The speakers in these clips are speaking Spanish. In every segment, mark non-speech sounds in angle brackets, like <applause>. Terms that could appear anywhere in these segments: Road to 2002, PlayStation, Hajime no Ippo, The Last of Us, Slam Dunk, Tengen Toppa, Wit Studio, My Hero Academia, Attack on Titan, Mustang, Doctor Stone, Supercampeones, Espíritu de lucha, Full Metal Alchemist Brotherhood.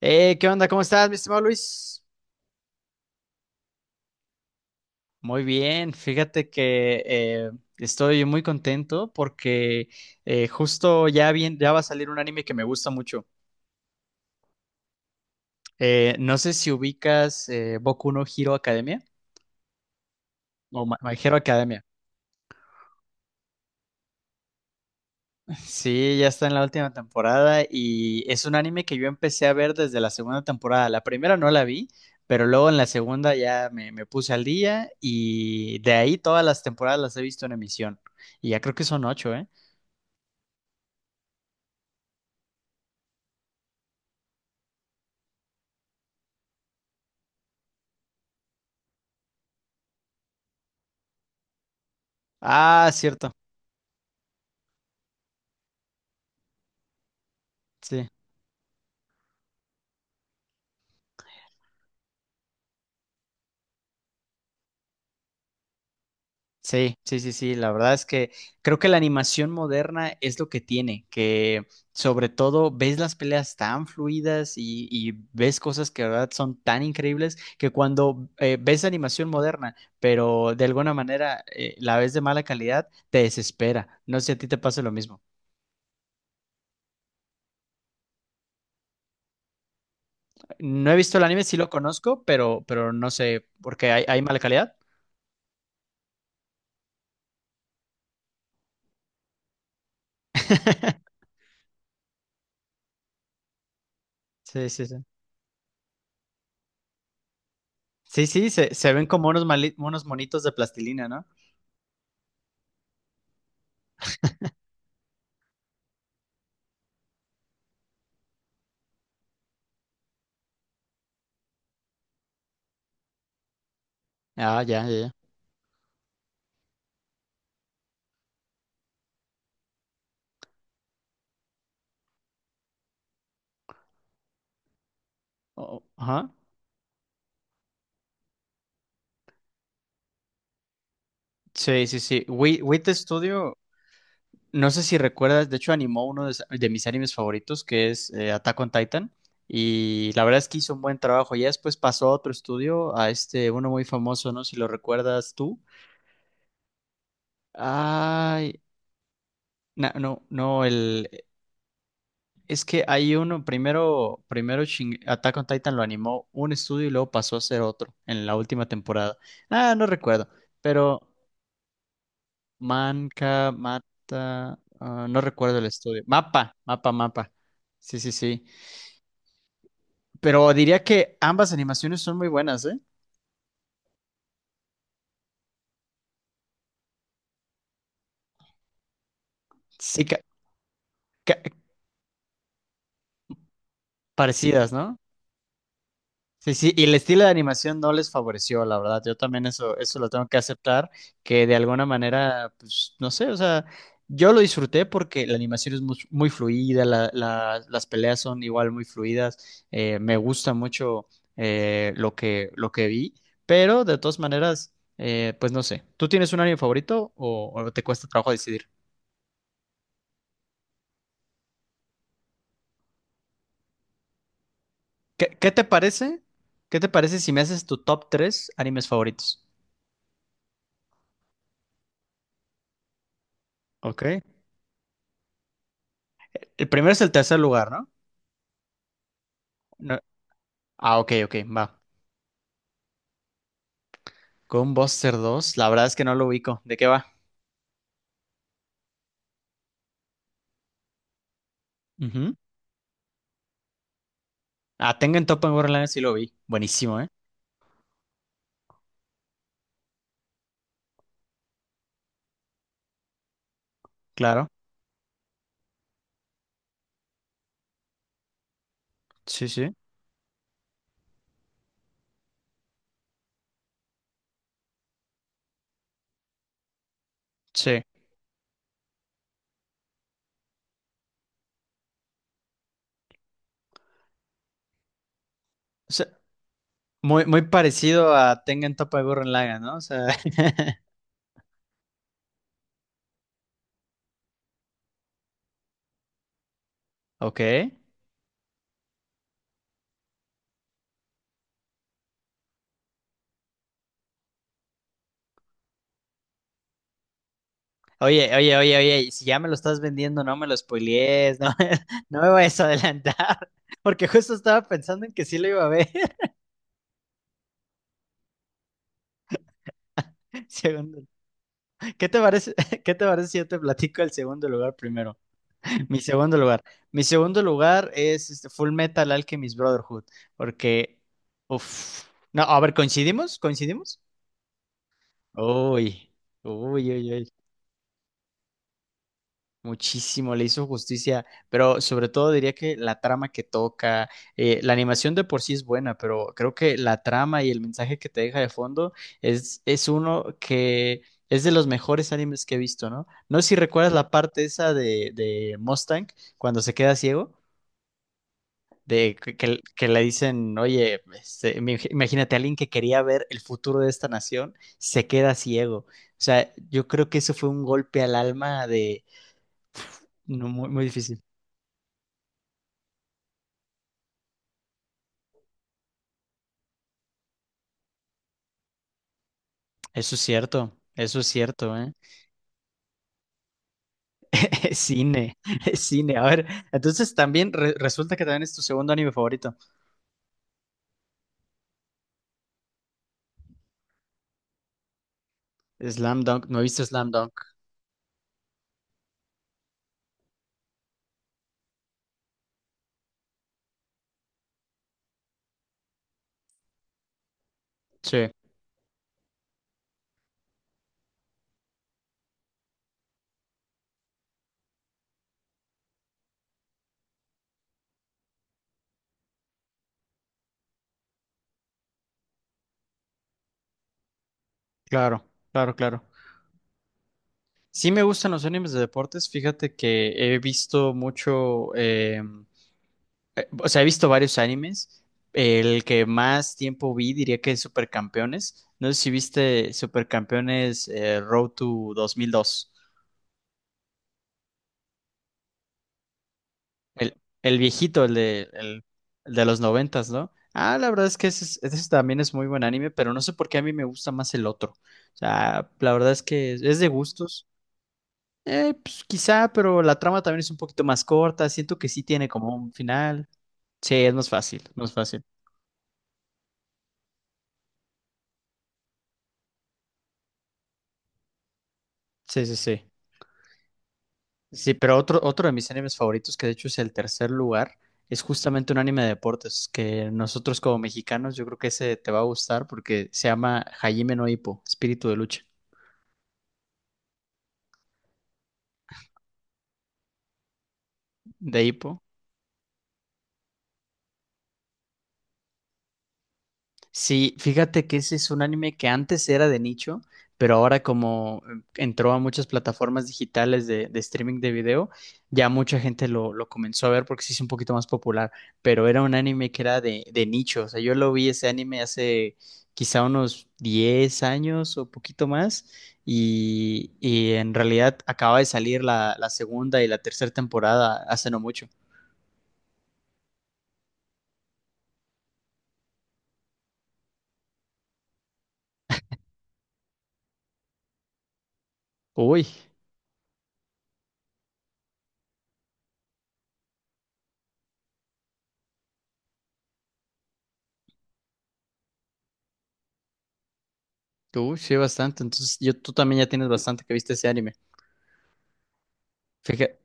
¿Qué onda? ¿Cómo estás, mi estimado Luis? Muy bien, fíjate que estoy muy contento porque justo ya, bien, ya va a salir un anime que me gusta mucho. No sé si ubicas Boku no Hero Academia o My My Hero Academia. <laughs> Sí, ya está en la última temporada y es un anime que yo empecé a ver desde la segunda temporada. La primera no la vi, pero luego en la segunda ya me puse al día y de ahí todas las temporadas las he visto en emisión. Y ya creo que son ocho, ¿eh? Ah, cierto. Sí, sí, sí, sí, sí. La verdad es que creo que la animación moderna es lo que tiene, que sobre todo ves las peleas tan fluidas y ves cosas que de verdad son tan increíbles que cuando ves animación moderna, pero de alguna manera la ves de mala calidad, te desespera. No sé si a ti te pasa lo mismo. No he visto el anime, sí lo conozco, pero no sé por qué hay mala calidad. <laughs> Sí, sí, sí. Sí, sí, se ven como unos, unos monitos de plastilina, ¿no? Ah, ya, ya, ya. Oh, ajá. Sí, sí, sí. Wit Studio, no sé si recuerdas, de hecho animó uno de mis animes favoritos, que es Attack on Titan. Y la verdad es que hizo un buen trabajo. Ya después pasó a otro estudio, a este, uno muy famoso, ¿no? Si lo recuerdas tú. Ay, no, no, el... Es que hay uno, primero, primero Attack on Titan lo animó un estudio y luego pasó a ser otro en la última temporada. Ah, no recuerdo, pero... Manca, Mata, ah, no recuerdo el estudio. Mapa, mapa, mapa. Sí, sí, sí. Pero diría que ambas animaciones son muy buenas, ¿eh? Sí, ca- parecidas, ¿no? Sí, sí, y el estilo de animación no les favoreció, la verdad. Yo también eso lo tengo que aceptar, que de alguna manera, pues, no sé, o sea, yo lo disfruté porque la animación es muy, fluida, las peleas son igual muy fluidas, me gusta mucho lo que vi, pero de todas maneras, pues no sé. ¿Tú tienes un anime favorito o te cuesta trabajo decidir? ¿Qué, qué te parece? ¿Qué te parece si me haces tu top 3 animes favoritos? Ok. El primero es el tercer lugar, ¿no? No, ah, ok, ok, va. Con Buster 2, la verdad es que no lo ubico. ¿De qué va? Ujú. Ah, Tengen Toppa en Borderlands sí lo vi. Buenísimo, ¿eh? Claro. Sí, sí. Sí. O sea, muy, muy parecido a Tengen Toppa en Borderlands, ¿no? O sea, <laughs> ok. Oye, oye, oye, oye, si ya me lo estás vendiendo, no me lo spoilees, no, <laughs> no me vayas a adelantar. <laughs> Porque justo estaba pensando en que sí lo iba a ver. <laughs> Segundo. ¿Qué te parece, <laughs> qué te parece si yo te platico el segundo lugar primero? Mi segundo lugar. Mi segundo lugar es este Full Metal Alchemist Brotherhood, porque, uf. No, a ver, ¿coincidimos? ¿Coincidimos? Uy, uy, uy, uy, muchísimo, le hizo justicia, pero sobre todo diría que la trama que toca, la animación de por sí es buena, pero creo que la trama y el mensaje que te deja de fondo es uno que es de los mejores animes que he visto, ¿no? No sé si recuerdas la parte esa de Mustang cuando se queda ciego. De que, que le dicen, oye, este, imagínate, alguien que quería ver el futuro de esta nación se queda ciego. O sea, yo creo que eso fue un golpe al alma de... No, muy, muy difícil. Eso es cierto, ¿eh? <laughs> Es cine, es cine. A ver, entonces también resulta que también es tu segundo anime favorito. Slam Dunk, no he visto Slam Dunk. Sí, claro, claro, claro. Sí me gustan los animes de deportes, fíjate que he visto mucho, O sea, he visto varios animes. El que más tiempo vi diría que es Supercampeones. No sé si viste Supercampeones Road to 2002. El, el viejito, el de los noventas, ¿no? Ah, la verdad es que ese, ese también es muy buen anime, pero no sé por qué a mí me gusta más el otro. O sea, la verdad es que es de gustos. Pues quizá, pero la trama también es un poquito más corta. Siento que sí tiene como un final. Sí, es más fácil, más fácil. Sí, sí, sí. Sí, pero otro, otro de mis animes favoritos, que de hecho es el tercer lugar, es justamente un anime de deportes, que nosotros como mexicanos yo creo que ese te va a gustar porque se llama Hajime no Ippo, Espíritu de lucha, de Ippo. Sí, fíjate que ese es un anime que antes era de nicho, pero ahora como entró a muchas plataformas digitales de streaming de video, ya mucha gente lo comenzó a ver porque se hizo un poquito más popular, pero era un anime que era de nicho, o sea, yo lo vi ese anime hace quizá unos 10 años o poquito más y en realidad acaba de salir la, la segunda y la tercera temporada hace no mucho. Uy, tú sí, bastante, entonces yo, tú también ya tienes bastante que viste ese anime. Fíjate.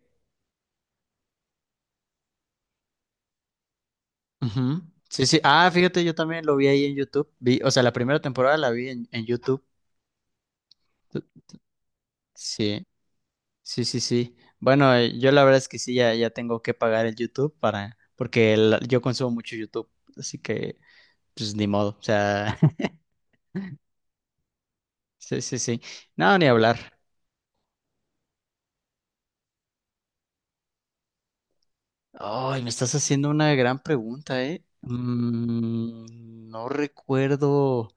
Ujú. Sí, sí. Ah, fíjate, yo también lo vi ahí en YouTube. Vi, o sea, la primera temporada la vi en YouTube. Sí, sí, sí, sí. Bueno, yo la verdad es que sí, ya, ya tengo que pagar el YouTube para, porque yo consumo mucho YouTube, así que, pues ni modo. O sea, <laughs> sí, sí, sí. No, ni hablar. Ay, me estás haciendo una gran pregunta, ¿eh? Mm, no recuerdo.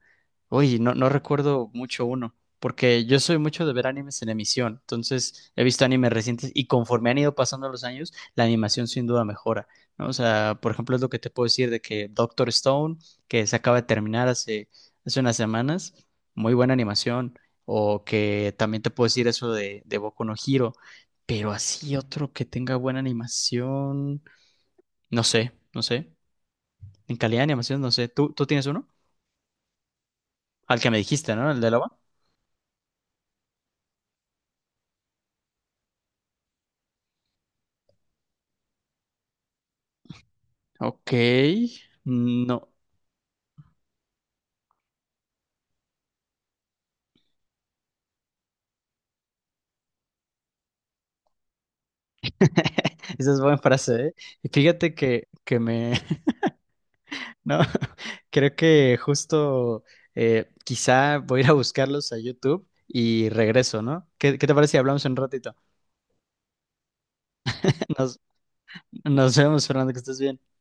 Oye, no, no recuerdo mucho uno, porque yo soy mucho de ver animes en emisión, entonces he visto animes recientes y conforme han ido pasando los años, la animación sin duda mejora, ¿no? O sea, por ejemplo, es lo que te puedo decir de que Doctor Stone, que se acaba de terminar hace, hace unas semanas, muy buena animación, o que también te puedo decir eso de Boku no Hero, pero así otro que tenga buena animación. No sé, no sé. En calidad de animación, no sé. ¿Tú, tú tienes uno? Al que me dijiste, ¿no? El de lava. Ok. No. <laughs> Esa es buena frase, ¿eh? Y fíjate que me... <laughs> No, <laughs> creo que justo quizá voy a ir a buscarlos a YouTube y regreso, ¿no? ¿Qué, qué te parece si hablamos en un ratito? <laughs> Nos, nos vemos, Fernando, que estés bien.